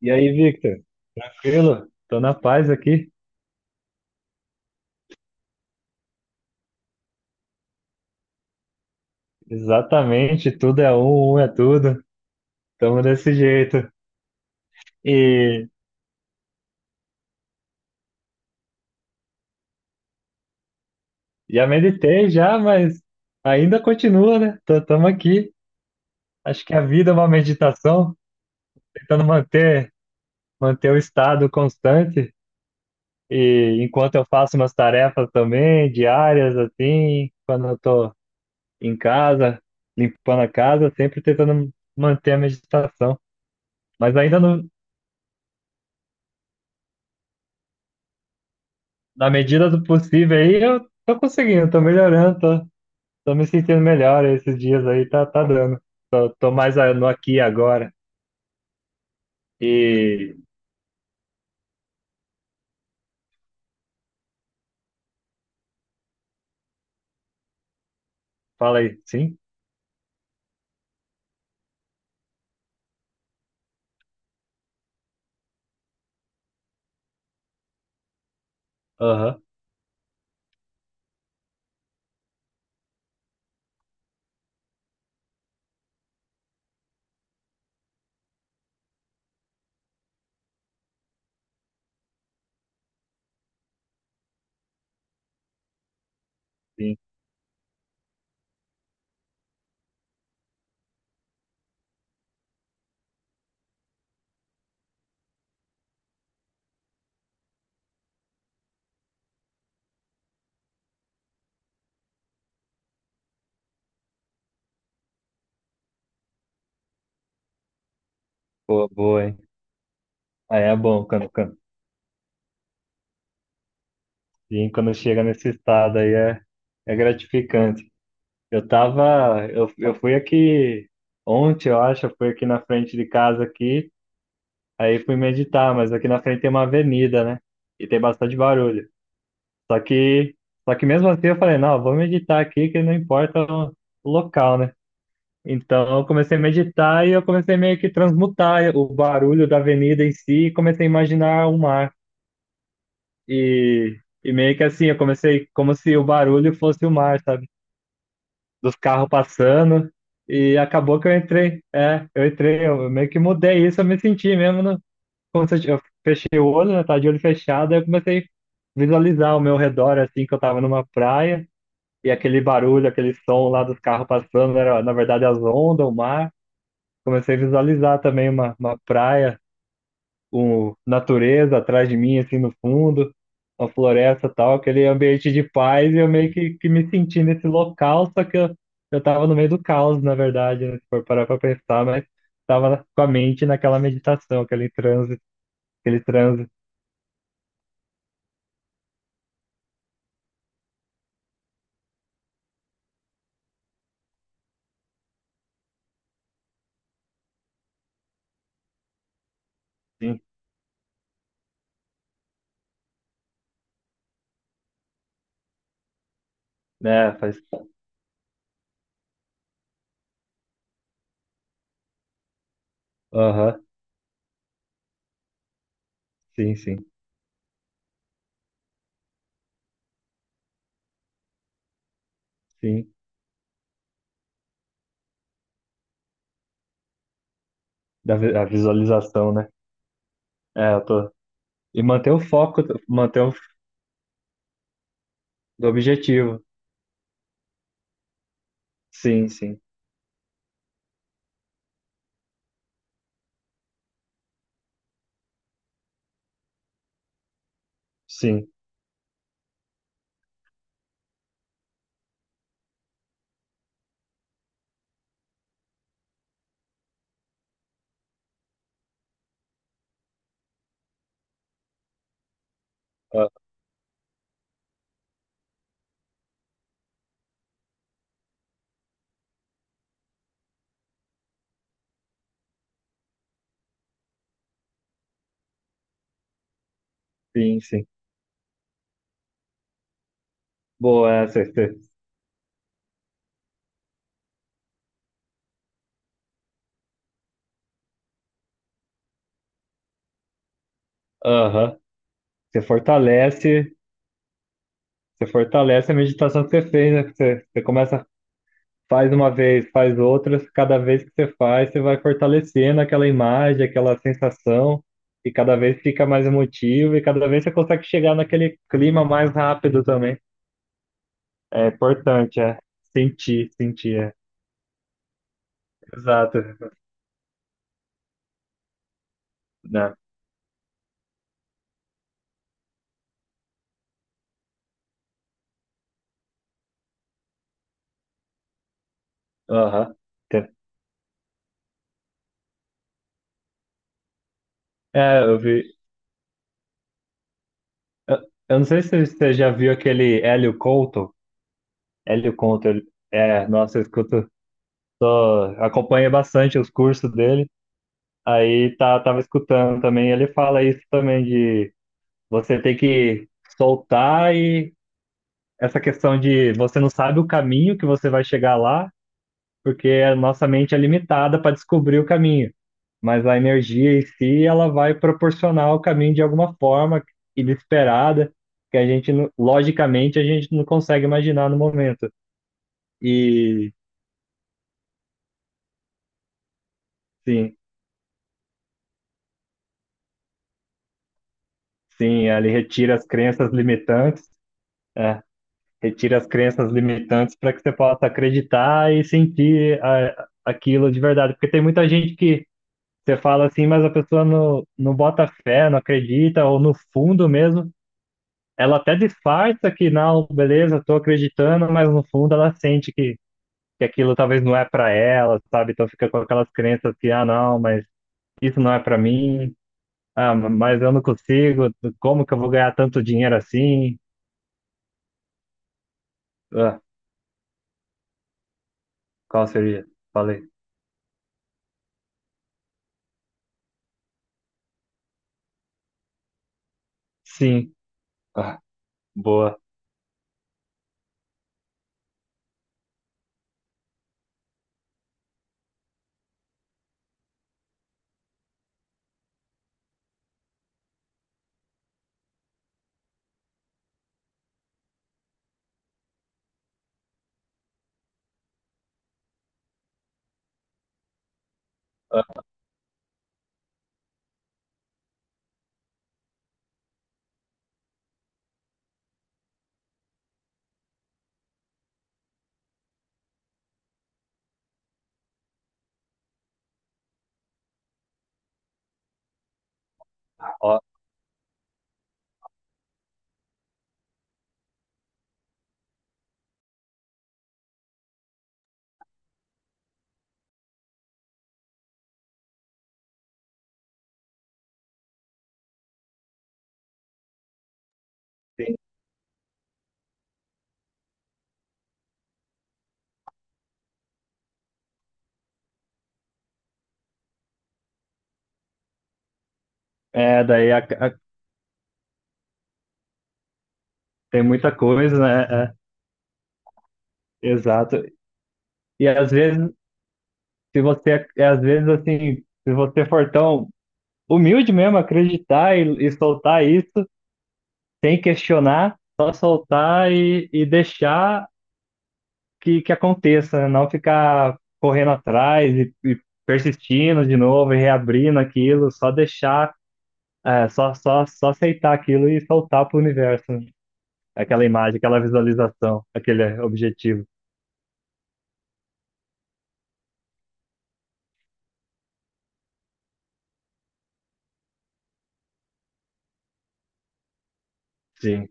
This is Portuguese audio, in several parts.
E aí, Victor? Tranquilo? Tô na paz aqui. Exatamente, tudo é um, um é tudo. Tamo desse jeito. E já meditei já, mas ainda continua, né? Tamo aqui. Acho que a vida é uma meditação, tentando manter o estado constante. E enquanto eu faço umas tarefas também, diárias, assim, quando eu tô em casa, limpando a casa, sempre tentando manter a meditação. Mas ainda não, na medida do possível aí, eu tô conseguindo, tô melhorando, tô me sentindo melhor esses dias aí, tá, tá dando. Tô mais no aqui e agora. E fala aí, sim? Aham, sim. Boa, boa, hein? Aí é bom quando, sim, quando chega nesse estado aí é, é gratificante. Eu fui aqui ontem, eu acho, eu fui aqui na frente de casa aqui, aí fui meditar, mas aqui na frente tem uma avenida, né? E tem bastante barulho. Só que, Só que mesmo assim eu falei, não, vou meditar aqui que não importa o local, né? Então eu comecei a meditar e eu comecei meio que transmutar o barulho da avenida em si e comecei a imaginar o mar. E, e meio que assim, eu comecei como se o barulho fosse o mar, sabe? Dos carros passando. E acabou que eu entrei, eu meio que mudei isso, eu me senti mesmo, no, como se eu, eu fechei o olho, né, tava de olho fechado, aí eu comecei a visualizar o meu redor, assim, que eu tava numa praia. E aquele barulho, aquele som lá dos carros passando, era na verdade as ondas, o mar. Comecei a visualizar também uma praia, um, natureza atrás de mim, assim no fundo, uma floresta e tal, aquele ambiente de paz. E eu meio que me senti nesse local, só que eu tava no meio do caos, na verdade, né, se for parar pra pensar, mas tava com a mente naquela meditação, aquele transe, sim, né? Faz. Aham, sim, sim, sim. Da a visualização, né? É, eu tô. E manter o foco, manter o do objetivo. Sim, sim, sim. Ah, sim, sim. Boa essa. Você, aham. Você fortalece, você fortalece a meditação que você fez, né? Você, você começa, faz uma vez, faz outras, cada vez que você faz, você vai fortalecendo aquela imagem, aquela sensação, e cada vez fica mais emotivo, e cada vez você consegue chegar naquele clima mais rápido também. É importante, é. Sentir, sentir, é. Exato. Né? Aham. É, eu vi. Eu, eu não sei se você já viu aquele Hélio Couto. Hélio Couto, é, nossa, eu escuto, ó, acompanho bastante os cursos dele. Aí tá, tava escutando também. Ele fala isso também de você ter que soltar e essa questão de você não sabe o caminho que você vai chegar lá, porque a nossa mente é limitada para descobrir o caminho. Mas a energia em si, ela vai proporcionar o caminho de alguma forma inesperada, que a gente, logicamente, a gente não consegue imaginar no momento. E sim, sim, ele retira as crenças limitantes, é, retira as crenças limitantes para que você possa acreditar e sentir aquilo de verdade. Porque tem muita gente que você fala assim, mas a pessoa não bota fé, não acredita, ou no fundo mesmo ela até disfarça que não, beleza, tô acreditando, mas no fundo ela sente que aquilo talvez não é pra ela, sabe? Então fica com aquelas crenças que, ah, não, mas isso não é pra mim, ah, mas eu não consigo, como que eu vou ganhar tanto dinheiro assim? Ah, qual seria? Falei. Sim. Ah, boa. Ah, ó, sim. É, daí tem muita coisa, né? É, exato. E às vezes, se você, é, às vezes assim, se você for tão humilde mesmo, acreditar e soltar isso, sem questionar, só soltar e deixar que aconteça, né? Não ficar correndo atrás e persistindo de novo e reabrindo aquilo, só deixar, é, só aceitar aquilo e soltar para o universo, né? Aquela imagem, aquela visualização, aquele objetivo. Sim.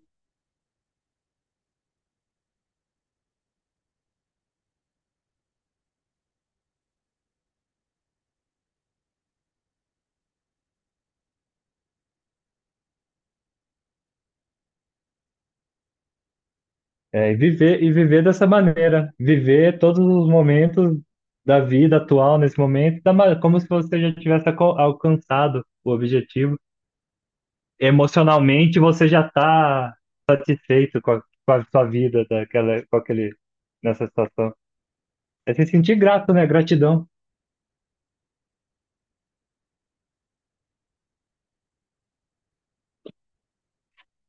É, e viver dessa maneira, viver todos os momentos da vida atual nesse momento, da como se você já tivesse alcançado o objetivo. Emocionalmente, você já está satisfeito com a sua vida daquela, com aquele, nessa situação. É se sentir grato, né? Gratidão,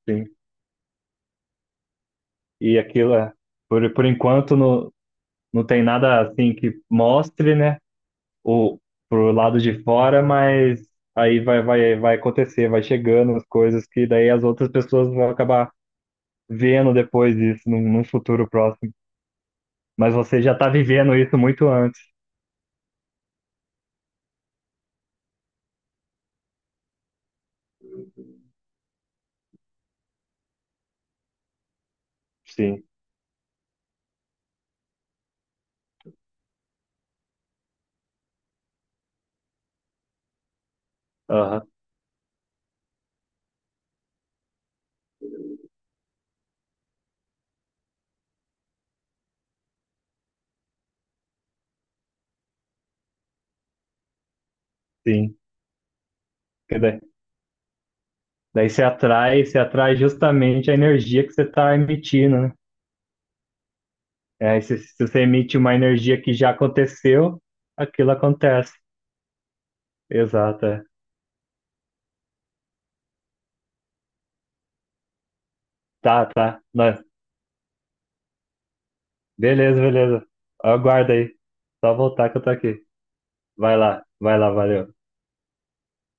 sim. E aquilo, é, por enquanto, não, não tem nada assim que mostre, né? O pro lado de fora, mas aí vai acontecer, vai chegando as coisas que daí as outras pessoas vão acabar vendo depois disso, num futuro próximo. Mas você já tá vivendo isso muito antes. Sim. Aham, sim. Porque daí, daí você atrai justamente a energia que você está emitindo, né? É, se você emite uma energia que já aconteceu, aquilo acontece. Exato. É. Tá, tá. Não, beleza, beleza. Aguarda aí. Só voltar que eu tô aqui. Vai lá, valeu.